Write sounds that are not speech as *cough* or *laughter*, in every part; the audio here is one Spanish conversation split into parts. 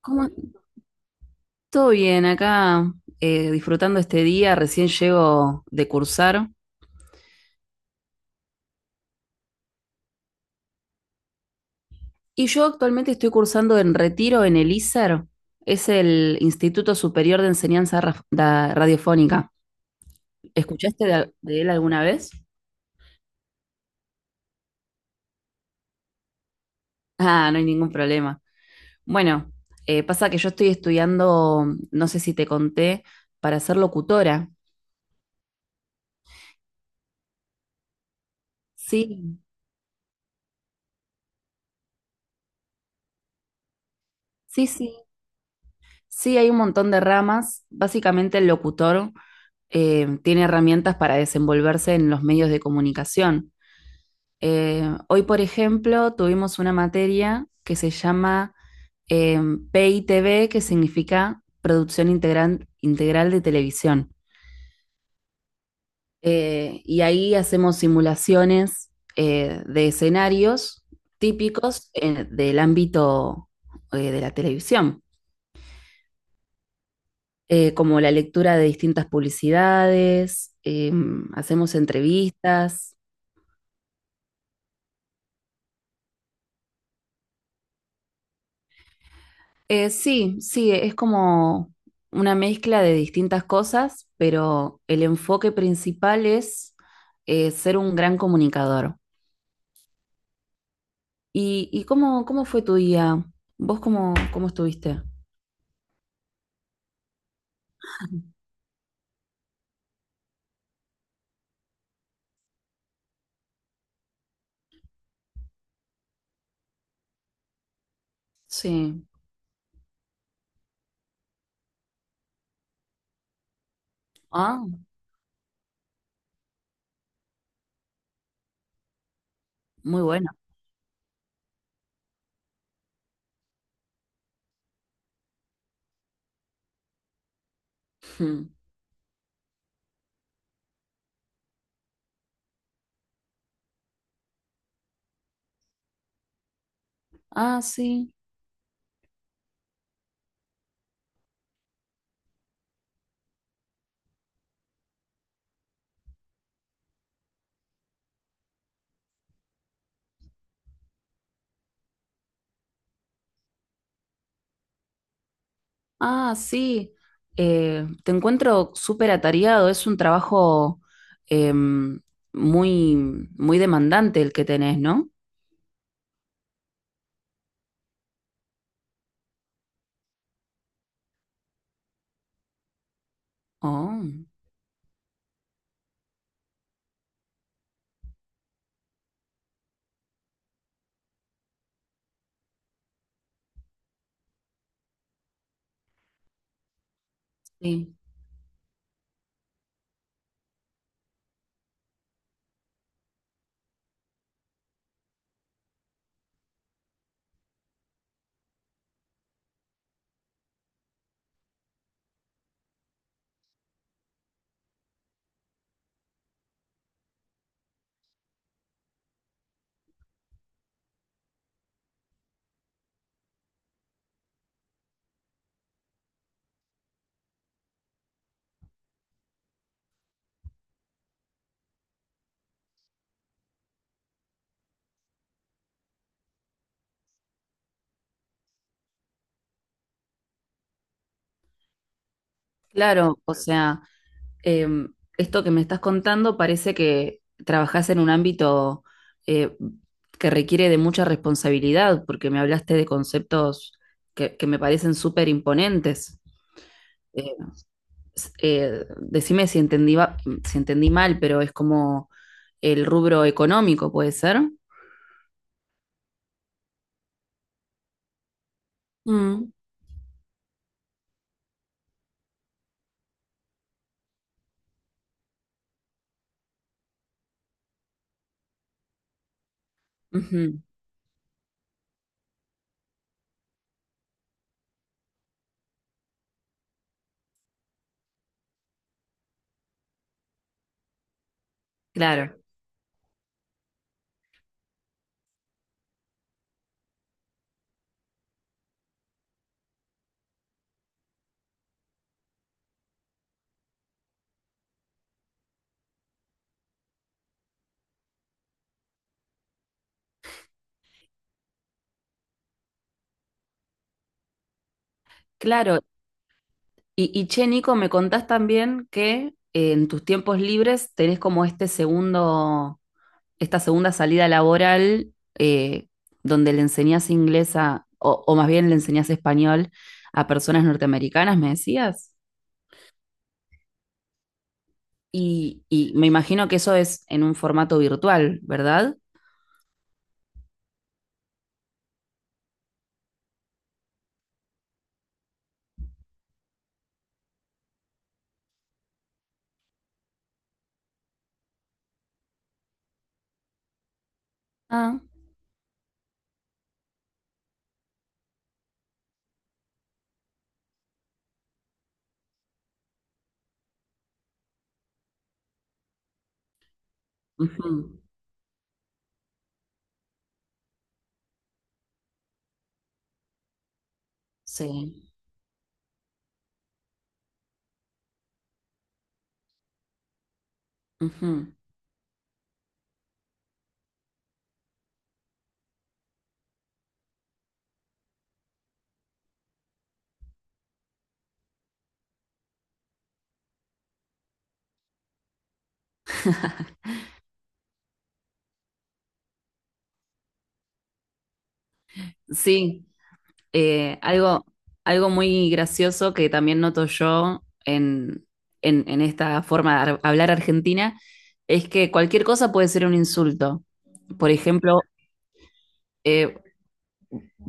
¿Cómo? Todo bien, acá disfrutando este día, recién llego de cursar. Y yo actualmente estoy cursando en Retiro en el ISER, es el Instituto Superior de Enseñanza Raf- da- Radiofónica. ¿Escuchaste de él alguna vez? Ah, no hay ningún problema. Bueno, pasa que yo estoy estudiando, no sé si te conté, para ser locutora. Sí, sí, sí. Sí, hay un montón de ramas. Básicamente el locutor tiene herramientas para desenvolverse en los medios de comunicación. Hoy, por ejemplo, tuvimos una materia que se llama eh, PITV, que significa Producción Integral, Integral de Televisión. Y ahí hacemos simulaciones de escenarios típicos del ámbito de la televisión, como la lectura de distintas publicidades, hacemos entrevistas. Sí, sí, es como una mezcla de distintas cosas, pero el enfoque principal es ser un gran comunicador. Y cómo, cómo fue tu día? ¿Vos cómo, cómo estuviste? Sí. Ah, muy bueno. *laughs* Hmm. Ah, sí. Ah, sí. Te encuentro súper atareado. Es un trabajo em, muy, muy demandante el que tenés, ¿no? Oh, sí. Claro, o sea, eh, esto que me estás contando parece que trabajás en un ámbito eh, que requiere de mucha responsabilidad, porque me hablaste de conceptos que me parecen súper imponentes. Eh, decime si entendí, si entendí mal, pero es como el rubro económico, ¿puede ser? Mm, ujú. Claro, claro. Y che, Nico, me contás también que en tus tiempos libres tenés como este segundo, esta segunda salida laboral, eh, donde le enseñás inglés a, o más bien le enseñás español a personas norteamericanas, me decías. Y me imagino que eso es en un formato virtual, ¿verdad? Ah. Ujú. Sí. Ujú. Sí, eh, algo, algo muy gracioso que también noto yo en, en esta forma de hablar argentina es que cualquier cosa puede ser un insulto. Por ejemplo, eh,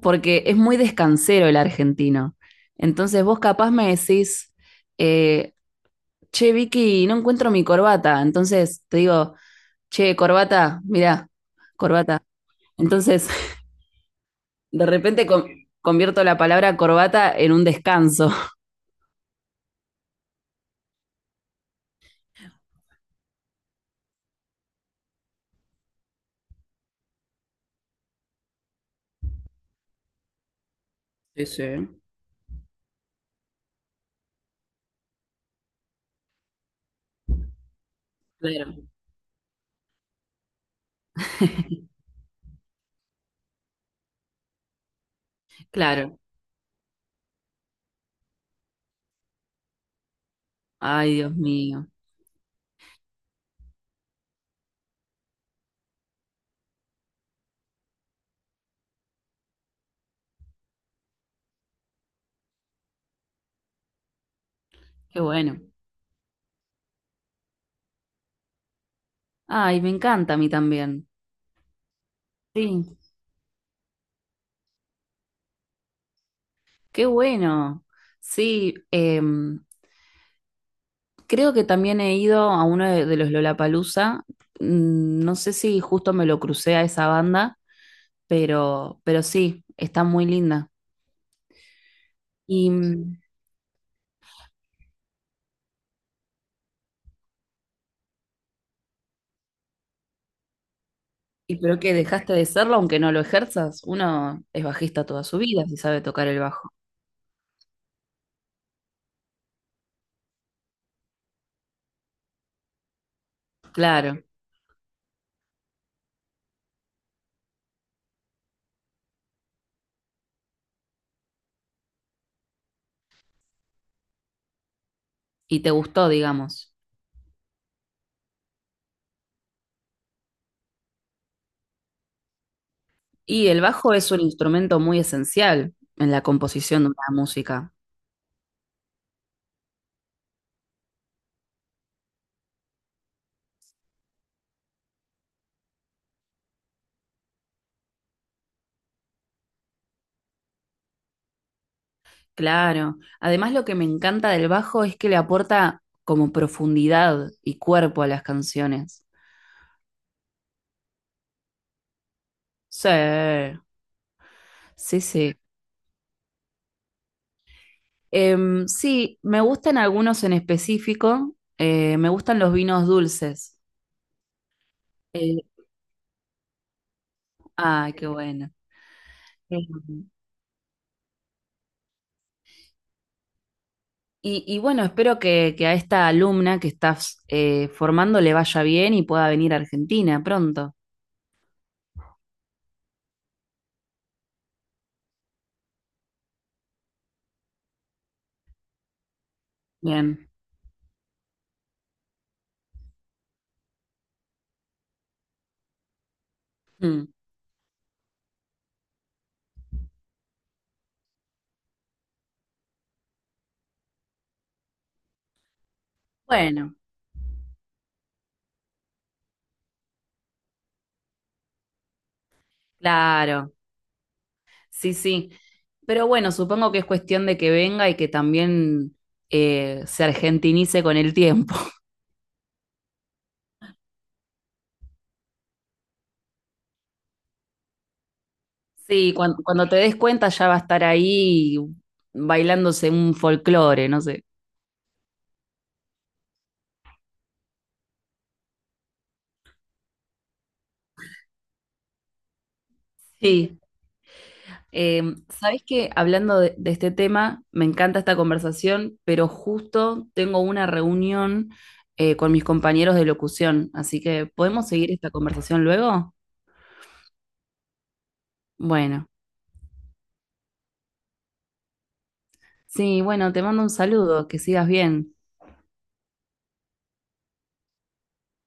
porque es muy descansero el argentino. Entonces vos capaz me decís, eh, che, Vicky, no encuentro mi corbata. Entonces te digo, che, corbata, mirá, corbata. Entonces, *laughs* de repente convierto la palabra corbata en un descanso. Sí, sí. Claro, claro. Ay, Dios mío, qué bueno. Ay, me encanta a mí también. Sí, qué bueno. Sí. Creo que también he ido a uno de los Lollapalooza. Mm. No sé si justo me lo crucé a esa banda, pero sí, está muy linda. Y, mm, y pero que dejaste de serlo aunque no lo ejerzas. Uno es bajista toda su vida si sabe tocar el bajo. Claro, y te gustó, digamos. Y el bajo es un instrumento muy esencial en la composición de una música. Claro. Además, lo que me encanta del bajo es que le aporta como profundidad y cuerpo a las canciones. Sí, sí, sí. Em, sí, me gustan algunos en específico. Me gustan los vinos dulces. Eh, ay, qué bueno. Em, y bueno, espero que a esta alumna que estás formando le vaya bien y pueda venir a Argentina pronto. Bien. Mm. Bueno, claro, sí, sí. Pero bueno, supongo que es cuestión de que venga y que también se argentinice con el tiempo. Sí, cuando te des cuenta ya va a estar ahí bailándose un folclore, no sé. Sí, eh, ¿sabés qué? Hablando de este tema, me encanta esta conversación, pero justo tengo una reunión con mis compañeros de locución, así que ¿podemos seguir esta conversación luego? Bueno, sí, bueno, te mando un saludo, que sigas bien.